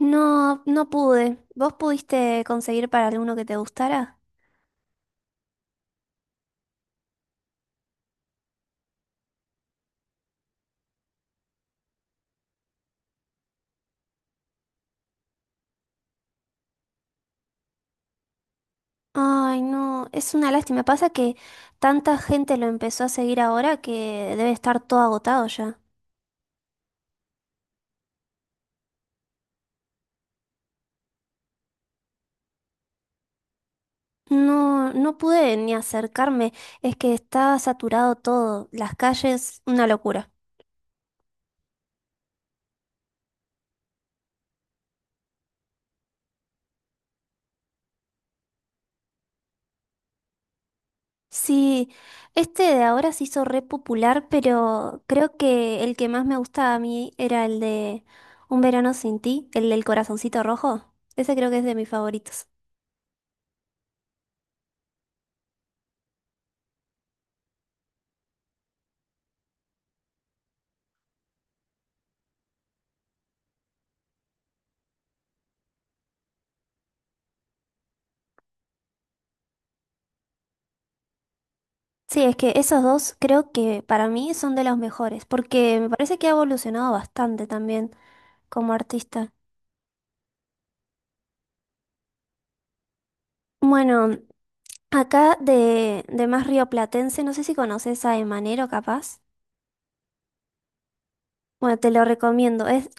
No, no pude. ¿Vos pudiste conseguir para alguno que te gustara? Ay, no, es una lástima. Pasa que tanta gente lo empezó a seguir ahora que debe estar todo agotado ya. No, no pude ni acercarme. Es que está saturado todo. Las calles, una locura. Sí, este de ahora se hizo re popular, pero creo que el que más me gustaba a mí era el de Un verano sin ti, el del corazoncito rojo. Ese creo que es de mis favoritos. Sí, es que esos dos creo que para mí son de los mejores, porque me parece que ha evolucionado bastante también como artista. Bueno, acá de más rioplatense, no sé si conoces a Emanero capaz. Bueno, te lo recomiendo. Es,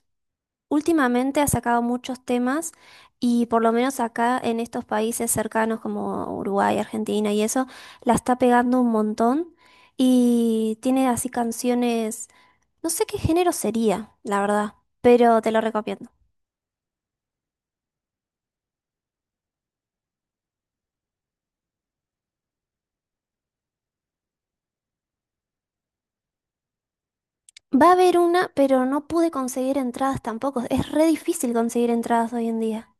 últimamente ha sacado muchos temas y por lo menos acá en estos países cercanos como Uruguay, Argentina y eso, la está pegando un montón y tiene así canciones, no sé qué género sería, la verdad, pero te lo recomiendo. Va a haber una, pero no pude conseguir entradas tampoco. Es re difícil conseguir entradas hoy en día.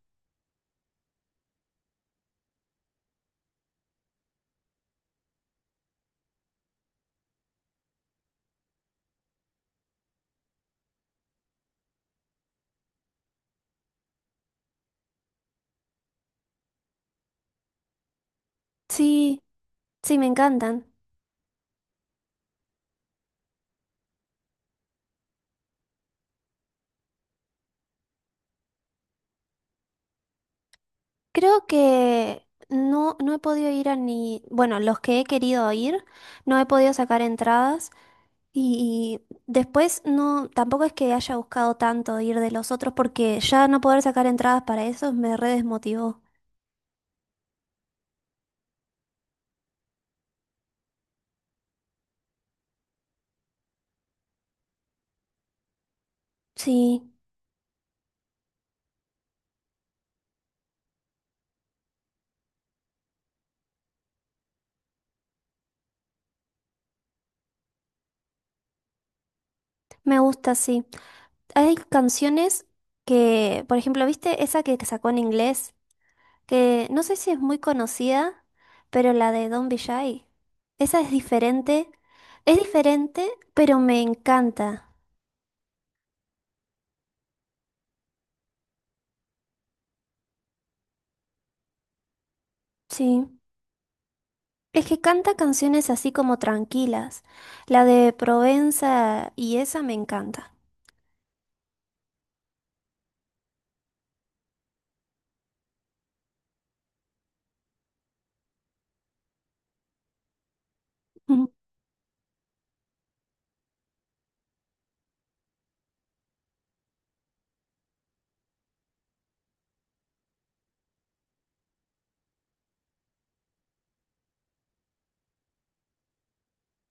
Sí, sí, me encantan. Creo que no, no he podido ir a ni... Bueno, los que he querido ir, no he podido sacar entradas. Y después no, tampoco es que haya buscado tanto ir de los otros porque ya no poder sacar entradas para esos me re desmotivó. Sí, me gusta, sí. Hay canciones que, por ejemplo, ¿viste esa que sacó en inglés?, que no sé si es muy conocida, pero la de Don't Be Shy. Esa es diferente. Es diferente, pero me encanta. Sí. Es que canta canciones así como tranquilas. La de Provenza y esa me encanta.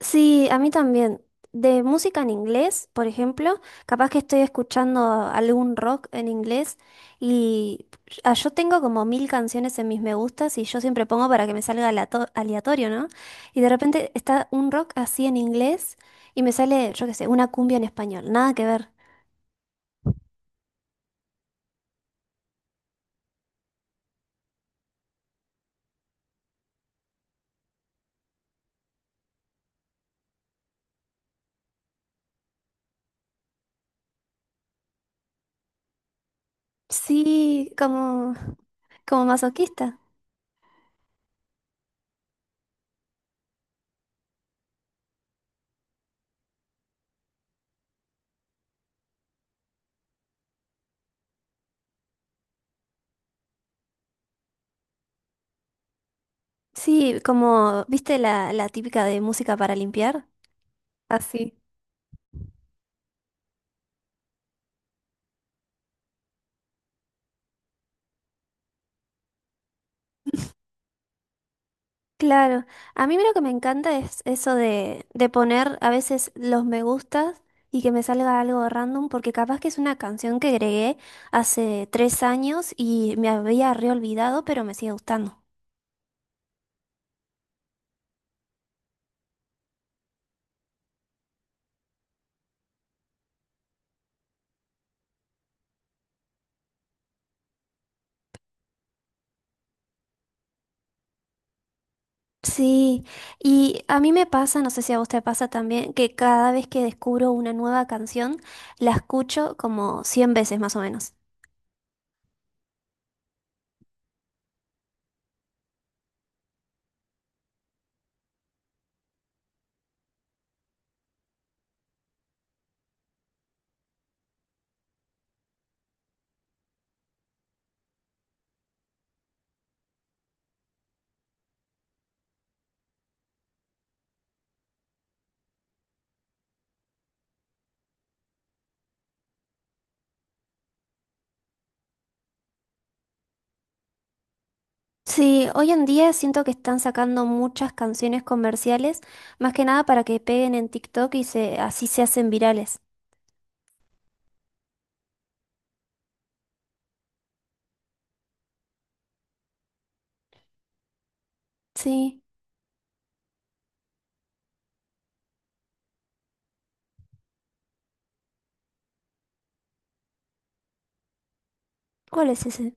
Sí, a mí también. De música en inglés, por ejemplo, capaz que estoy escuchando algún rock en inglés y yo tengo como 1000 canciones en mis me gustas y yo siempre pongo para que me salga aleatorio, ¿no? Y de repente está un rock así en inglés y me sale, yo qué sé, una cumbia en español, nada que ver. Sí, como, como masoquista. Sí, como, ¿viste la típica de música para limpiar? Así. Claro, a mí lo que me encanta es eso de poner a veces los me gustas y que me salga algo random, porque capaz que es una canción que agregué hace 3 años y me había reolvidado, pero me sigue gustando. Sí, y a mí me pasa, no sé si a vos te pasa también, que cada vez que descubro una nueva canción, la escucho como 100 veces más o menos. Sí, hoy en día siento que están sacando muchas canciones comerciales, más que nada para que peguen en TikTok y se, así se hacen virales. Sí, ¿cuál es ese?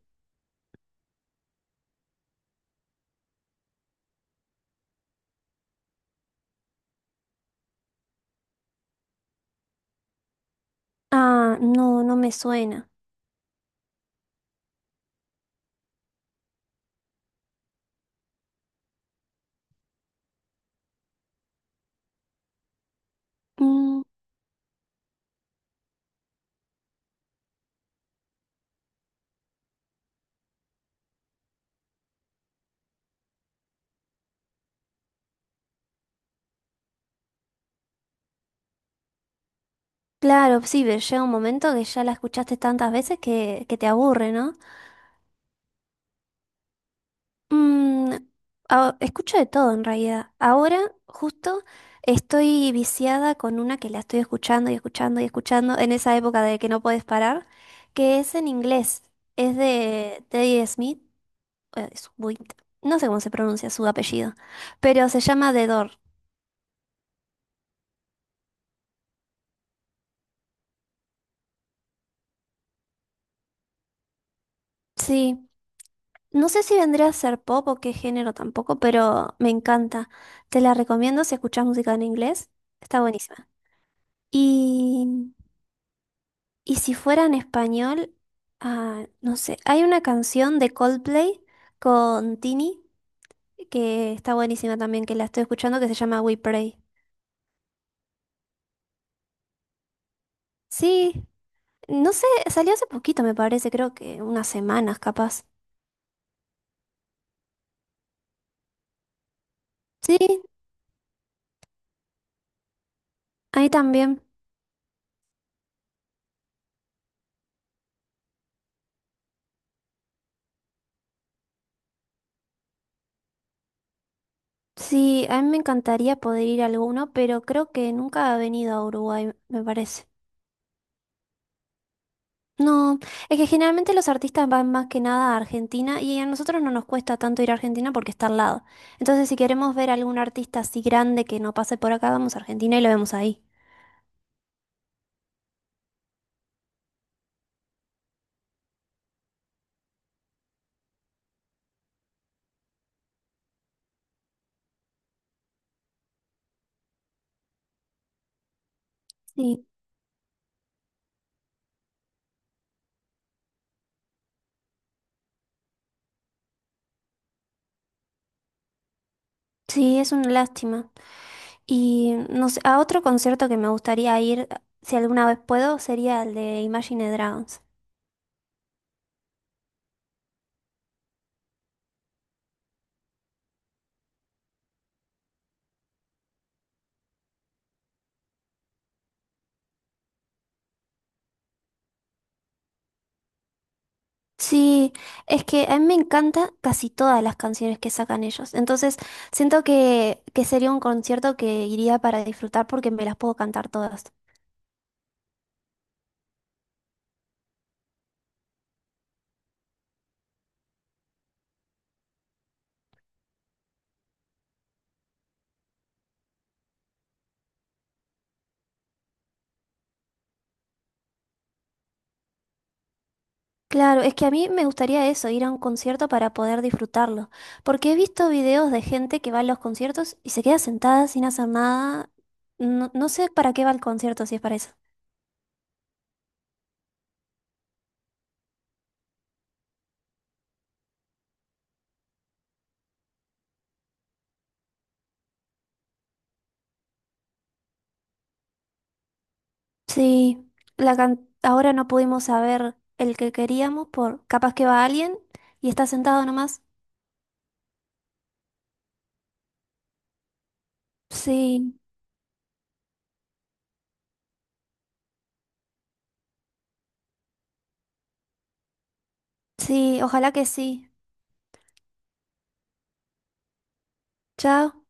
Ah, no, no me suena. Mm, claro, sí, pero llega un momento que ya la escuchaste tantas veces que te aburre, ¿no? Mm, escucho de todo en realidad. Ahora, justo, estoy viciada con una que la estoy escuchando y escuchando y escuchando en esa época de que no puedes parar, que es en inglés. Es de Teddy Smith, Swift. No sé cómo se pronuncia su apellido, pero se llama The Door. Sí, no sé si vendría a ser pop o qué género tampoco, pero me encanta. Te la recomiendo si escuchas música en inglés. Está buenísima. Y Y si fuera en español, no sé, hay una canción de Coldplay con Tini que está buenísima también, que la estoy escuchando, que se llama We Pray. Sí, no sé, salió hace poquito, me parece, creo que unas semanas capaz. Sí, ahí también. Sí, a mí me encantaría poder ir a alguno, pero creo que nunca ha venido a Uruguay, me parece. No, es que generalmente los artistas van más que nada a Argentina y a nosotros no nos cuesta tanto ir a Argentina porque está al lado. Entonces, si queremos ver algún artista así grande que no pase por acá, vamos a Argentina y lo vemos ahí. Sí, sí, es una lástima. Y no sé, a otro concierto que me gustaría ir, si alguna vez puedo, sería el de Imagine Dragons. Sí, es que a mí me encanta casi todas las canciones que sacan ellos. Entonces, siento que sería un concierto que iría para disfrutar porque me las puedo cantar todas. Claro, es que a mí me gustaría eso, ir a un concierto para poder disfrutarlo, porque he visto videos de gente que va a los conciertos y se queda sentada sin hacer nada. No, no sé para qué va el concierto si es para eso. Sí, ahora no pudimos saber el que queríamos por capaz que va alguien y está sentado nomás. Sí, sí, ojalá que sí. Chao.